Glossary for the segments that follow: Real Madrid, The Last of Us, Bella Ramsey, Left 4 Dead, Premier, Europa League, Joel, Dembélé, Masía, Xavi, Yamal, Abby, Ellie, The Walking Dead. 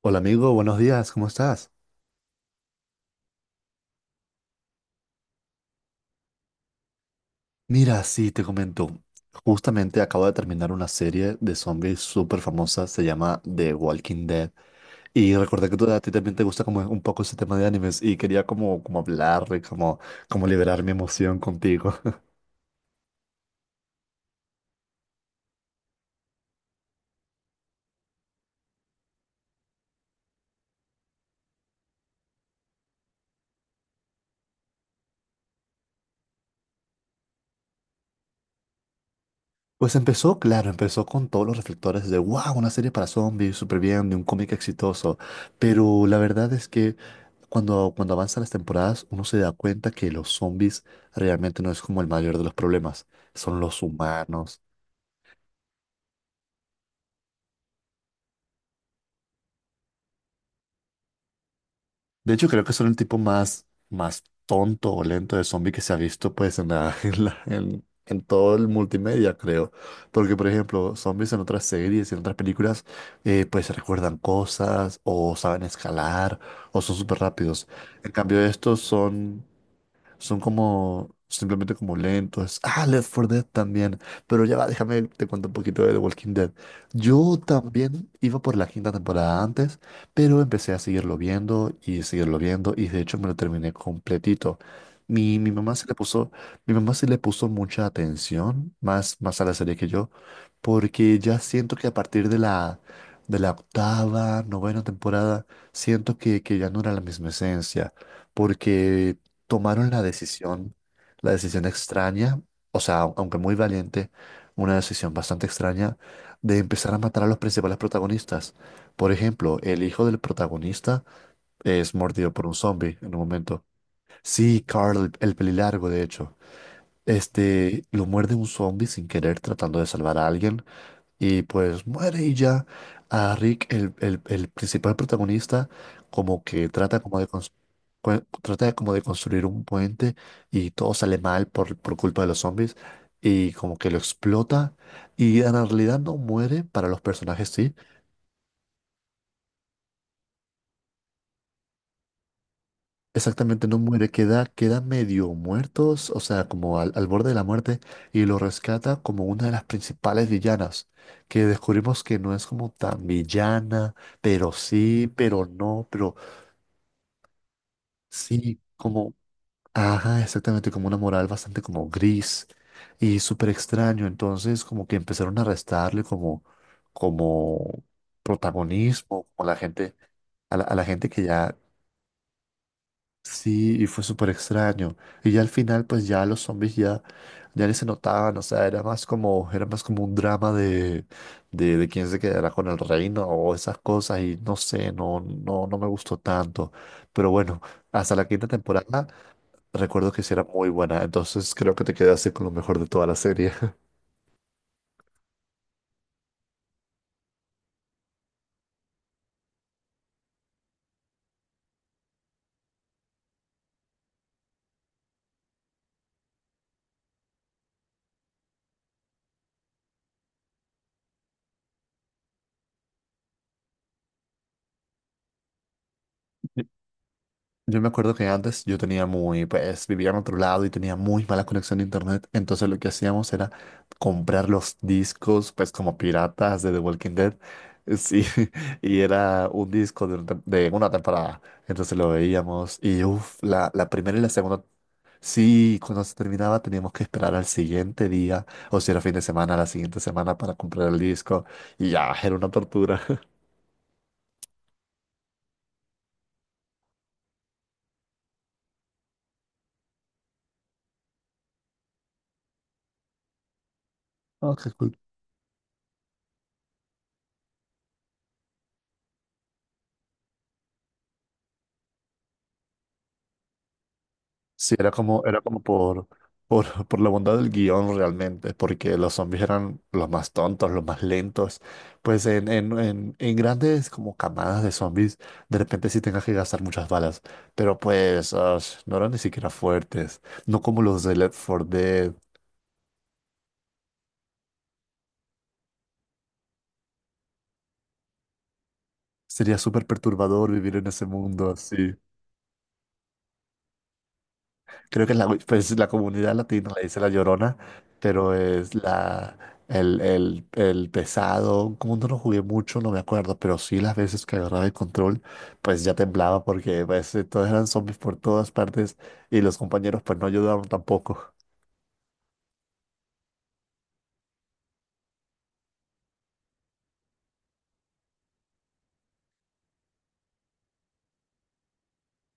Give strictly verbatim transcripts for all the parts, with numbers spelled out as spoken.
Hola amigo, buenos días, ¿cómo estás? Mira, sí, te comento. Justamente acabo de terminar una serie de zombies súper famosa, se llama The Walking Dead. Y recordé que tú, a ti también te gusta como un poco ese tema de animes y quería como, como hablar, como, como liberar mi emoción contigo. Pues empezó, claro, empezó con todos los reflectores de, wow, una serie para zombies, súper bien, de un cómic exitoso. Pero la verdad es que cuando, cuando avanzan las temporadas, uno se da cuenta que los zombies realmente no es como el mayor de los problemas, son los humanos. De hecho, creo que son el tipo más, más tonto o lento de zombie que se ha visto pues en la- en la- en- en todo el multimedia, creo. Porque, por ejemplo, zombies en otras series, en otras películas, eh, pues recuerdan cosas o saben escalar o son súper rápidos. En cambio, estos son son como, simplemente como lentos. Ah, Left four Dead también. Pero ya va, déjame, te cuento un poquito de The Walking Dead. Yo también iba por la quinta temporada antes, pero empecé a seguirlo viendo y seguirlo viendo y de hecho me lo terminé completito. Mi, mi mamá se le puso, mi mamá se le puso mucha atención, más, más a la serie que yo, porque ya siento que a partir de la, de la octava, novena temporada, siento que, que ya no era la misma esencia, porque tomaron la decisión, la decisión, extraña, o sea, au- aunque muy valiente, una decisión bastante extraña de empezar a matar a los principales protagonistas. Por ejemplo, el hijo del protagonista es mordido por un zombie en un momento. Sí, Carl, el pelilargo, de hecho. Este, lo muerde un zombie sin querer tratando de salvar a alguien. Y pues muere y ya a Rick, el, el- el principal protagonista, como que trata como de, cons- cuen- trata de como de construir un puente y todo sale mal por, por culpa de los zombies y como que lo explota y en realidad no muere, para los personajes sí, exactamente no muere, queda, queda medio muertos, o sea, como al, al borde de la muerte y lo rescata como una de las principales villanas, que descubrimos que no es como tan villana pero sí, pero no, pero sí, como, ajá, exactamente, como una moral bastante como gris y súper extraño. Entonces, como que empezaron a restarle como, como protagonismo, como la gente, a la, a la gente que ya, sí, y fue súper extraño. Y ya al final, pues ya los zombies ya, ya ni se notaban, o sea, era más como, era más como un drama de, de, de quién se quedará con el reino o esas cosas, y no sé, no, no, no me gustó tanto. Pero bueno, hasta la quinta temporada. Recuerdo que sí era muy buena, entonces creo que te quedaste con lo mejor de toda la serie. Yo yo me acuerdo que antes yo tenía muy, pues vivía en otro lado y tenía muy mala conexión de internet, entonces lo que hacíamos era comprar los discos, pues como piratas de The Walking Dead, eh, sí, y era un disco de, una tem- de una temporada, entonces lo veíamos y uff, la, la primera y la segunda, sí, cuando se terminaba teníamos que esperar al siguiente día, o si era fin de semana, a la siguiente semana para comprar el disco, y ya, era una tortura. Ah, qué cool. Sí, era como, era como por, por, por la bondad del guión realmente, porque los zombies eran los más tontos, los más lentos. Pues en, en, en, en grandes como camadas de zombies, de repente sí tengas que gastar muchas balas, pero pues ash, no eran ni siquiera fuertes, no como los de Left four Dead. Sería súper perturbador vivir en ese mundo así. Creo que la, pues, la comunidad latina le dice la Llorona, pero es la, el, el, el pesado. Como no lo jugué mucho, no me acuerdo, pero sí las veces que agarraba el control, pues ya temblaba porque pues, eh, todos eran zombies por todas partes y los compañeros pues no ayudaban tampoco.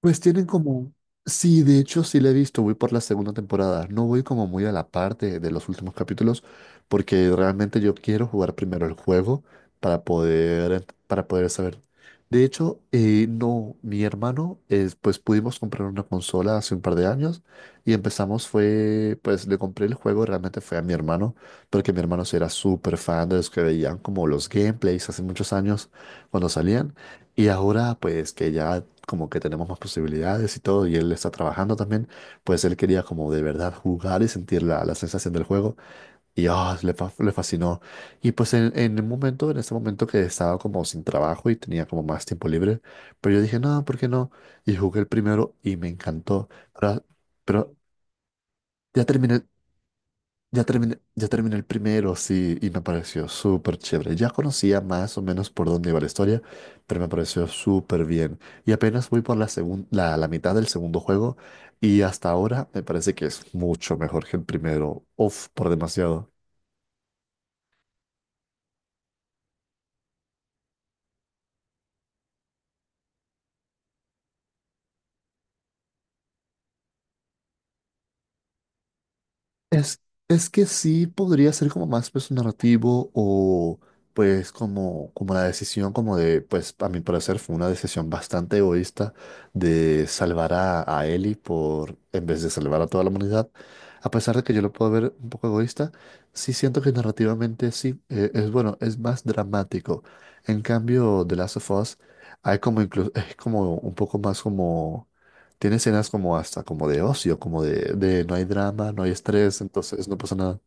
Pues tienen como. Sí, de hecho sí la he visto, voy por la segunda temporada. No voy como muy a la parte de los últimos capítulos porque realmente yo quiero jugar primero el juego para poder, ent- para poder saber. De hecho, eh, no, mi hermano, es, pues pudimos comprar una consola hace un par de años y empezamos fue, pues le compré el juego, realmente fue a mi hermano, porque mi hermano sí era súper fan de los que veían como los gameplays hace muchos años cuando salían. Y ahora, pues que ya como que tenemos más posibilidades y todo, y él está trabajando también, pues él quería como de verdad jugar y sentir la, la sensación del juego, y ah, le, fa- le fascinó. Y pues en, en el momento, en ese momento que estaba como sin trabajo y tenía como más tiempo libre, pero yo dije, no, ¿por qué no? Y jugué el primero y me encantó, pero, pero ya terminé, ya terminé, ya terminé el primero, sí, y me pareció súper chévere. Ya conocía más o menos por dónde iba la historia, pero me pareció súper bien. Y apenas voy por la, segun- la, la mitad del segundo juego, y hasta ahora me parece que es mucho mejor que el primero. Uf, por demasiado. Es, es que sí podría ser como más peso narrativo o pues como, como la decisión como de, pues a mi parecer fue una decisión bastante egoísta de salvar a, a Ellie por, en vez de salvar a toda la humanidad. A pesar de que yo lo puedo ver un poco egoísta, sí siento que narrativamente sí, eh, es bueno, es más dramático. En cambio, The Last of Us hay como inclu- es como un poco más como tiene escenas como hasta como de ocio, como de, de, no hay drama, no hay estrés, entonces no pasa nada.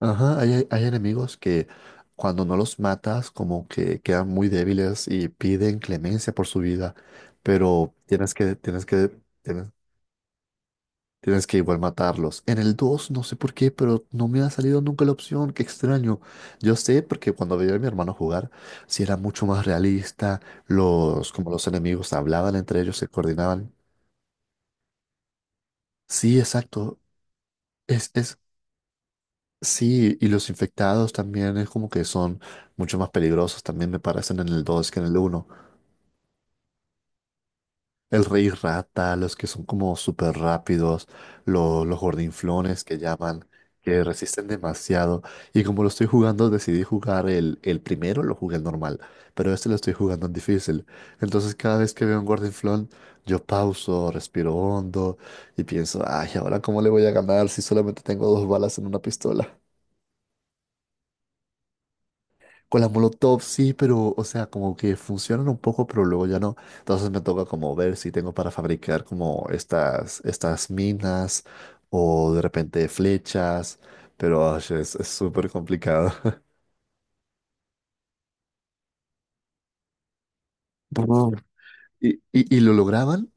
Ajá, hay, hay enemigos que cuando no los matas como que quedan muy débiles y piden clemencia por su vida, pero tienes que, tienes que, tienes, tienes que igual matarlos. En el dos no sé por qué, pero no me ha salido nunca la opción, qué extraño. Yo sé porque cuando veía a mi hermano jugar, si era mucho más realista, los, como los enemigos hablaban entre ellos, se coordinaban. Sí, exacto. Es, es, Sí, y los infectados también es como que son mucho más peligrosos, también me parecen en el dos que en el uno. El rey rata, los que son como súper rápidos, lo- los gordinflones que llaman, que resisten demasiado. Y como lo estoy jugando, decidí jugar el, el primero, lo jugué el normal, pero este lo estoy jugando en difícil. Entonces cada vez que veo un gordinflón, yo pauso, respiro hondo y pienso, ay, ¿ahora cómo le voy a ganar si solamente tengo dos balas en una pistola? Con las molotov sí, pero, o sea, como que funcionan un poco, pero luego ya no. Entonces me toca como ver si tengo para fabricar como estas, estas minas o de repente flechas, pero ay, es es súper complicado. Y, y, y lo lograban.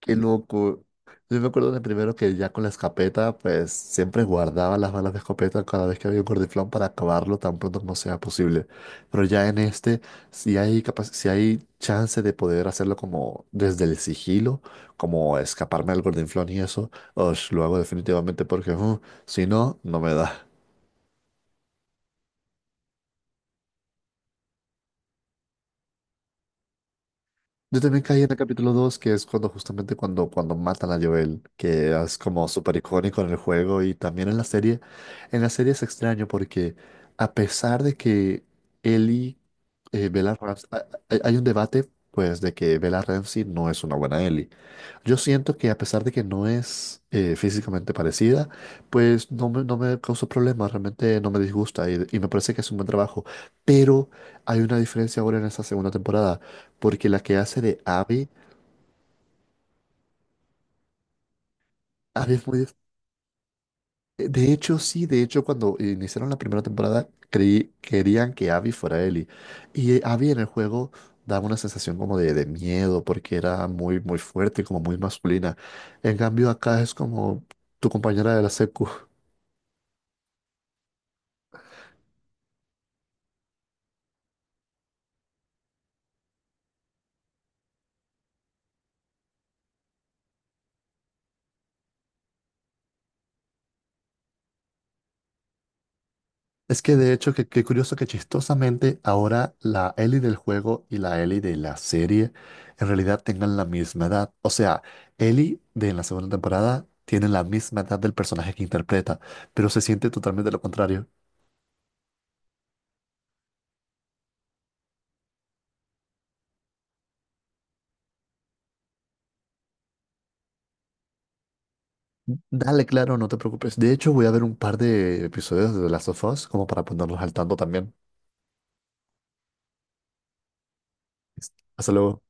Qué loco. Yo me acuerdo de primero que ya con la escopeta, pues siempre guardaba las balas de escopeta cada vez que había un gordiflón para acabarlo tan pronto como sea posible. Pero ya en este, si hay capa- si hay chance de poder hacerlo como desde el sigilo, como escaparme del gordiflón y eso, osh, lo hago definitivamente porque uh, si no, no me da. Yo también caí en el capítulo dos que es cuando justamente cuando, cuando matan a Joel, que es como súper icónico en el juego y también en la serie. En la serie es extraño porque a pesar de que Ellie, eh, Bella Rams- a- hay un debate pues de que Bella Ramsey no es una buena Ellie. Yo siento que a pesar de que no es eh, físicamente parecida, pues no me, no me causó problemas, realmente no me disgusta y, y me parece que es un buen trabajo. Pero hay una diferencia ahora en esta segunda temporada porque la que hace de Abby, Abby es muy. des- De hecho, sí, de hecho, cuando iniciaron la primera temporada, creí, querían que Abby fuera Ellie. Y eh, Abby en el juego daba una sensación como de, de miedo, porque era muy, muy fuerte, como muy masculina. En cambio, acá es como tu compañera de la secu. Es que de hecho, que- qué curioso que chistosamente ahora la Ellie del juego y la Ellie de la serie en realidad tengan la misma edad. O sea, Ellie de la segunda temporada tiene la misma edad del personaje que interpreta, pero se siente totalmente lo contrario. Dale, claro, no te preocupes. De hecho, voy a ver un par de episodios de The Last of Us como para ponernos al tanto también. Hasta luego.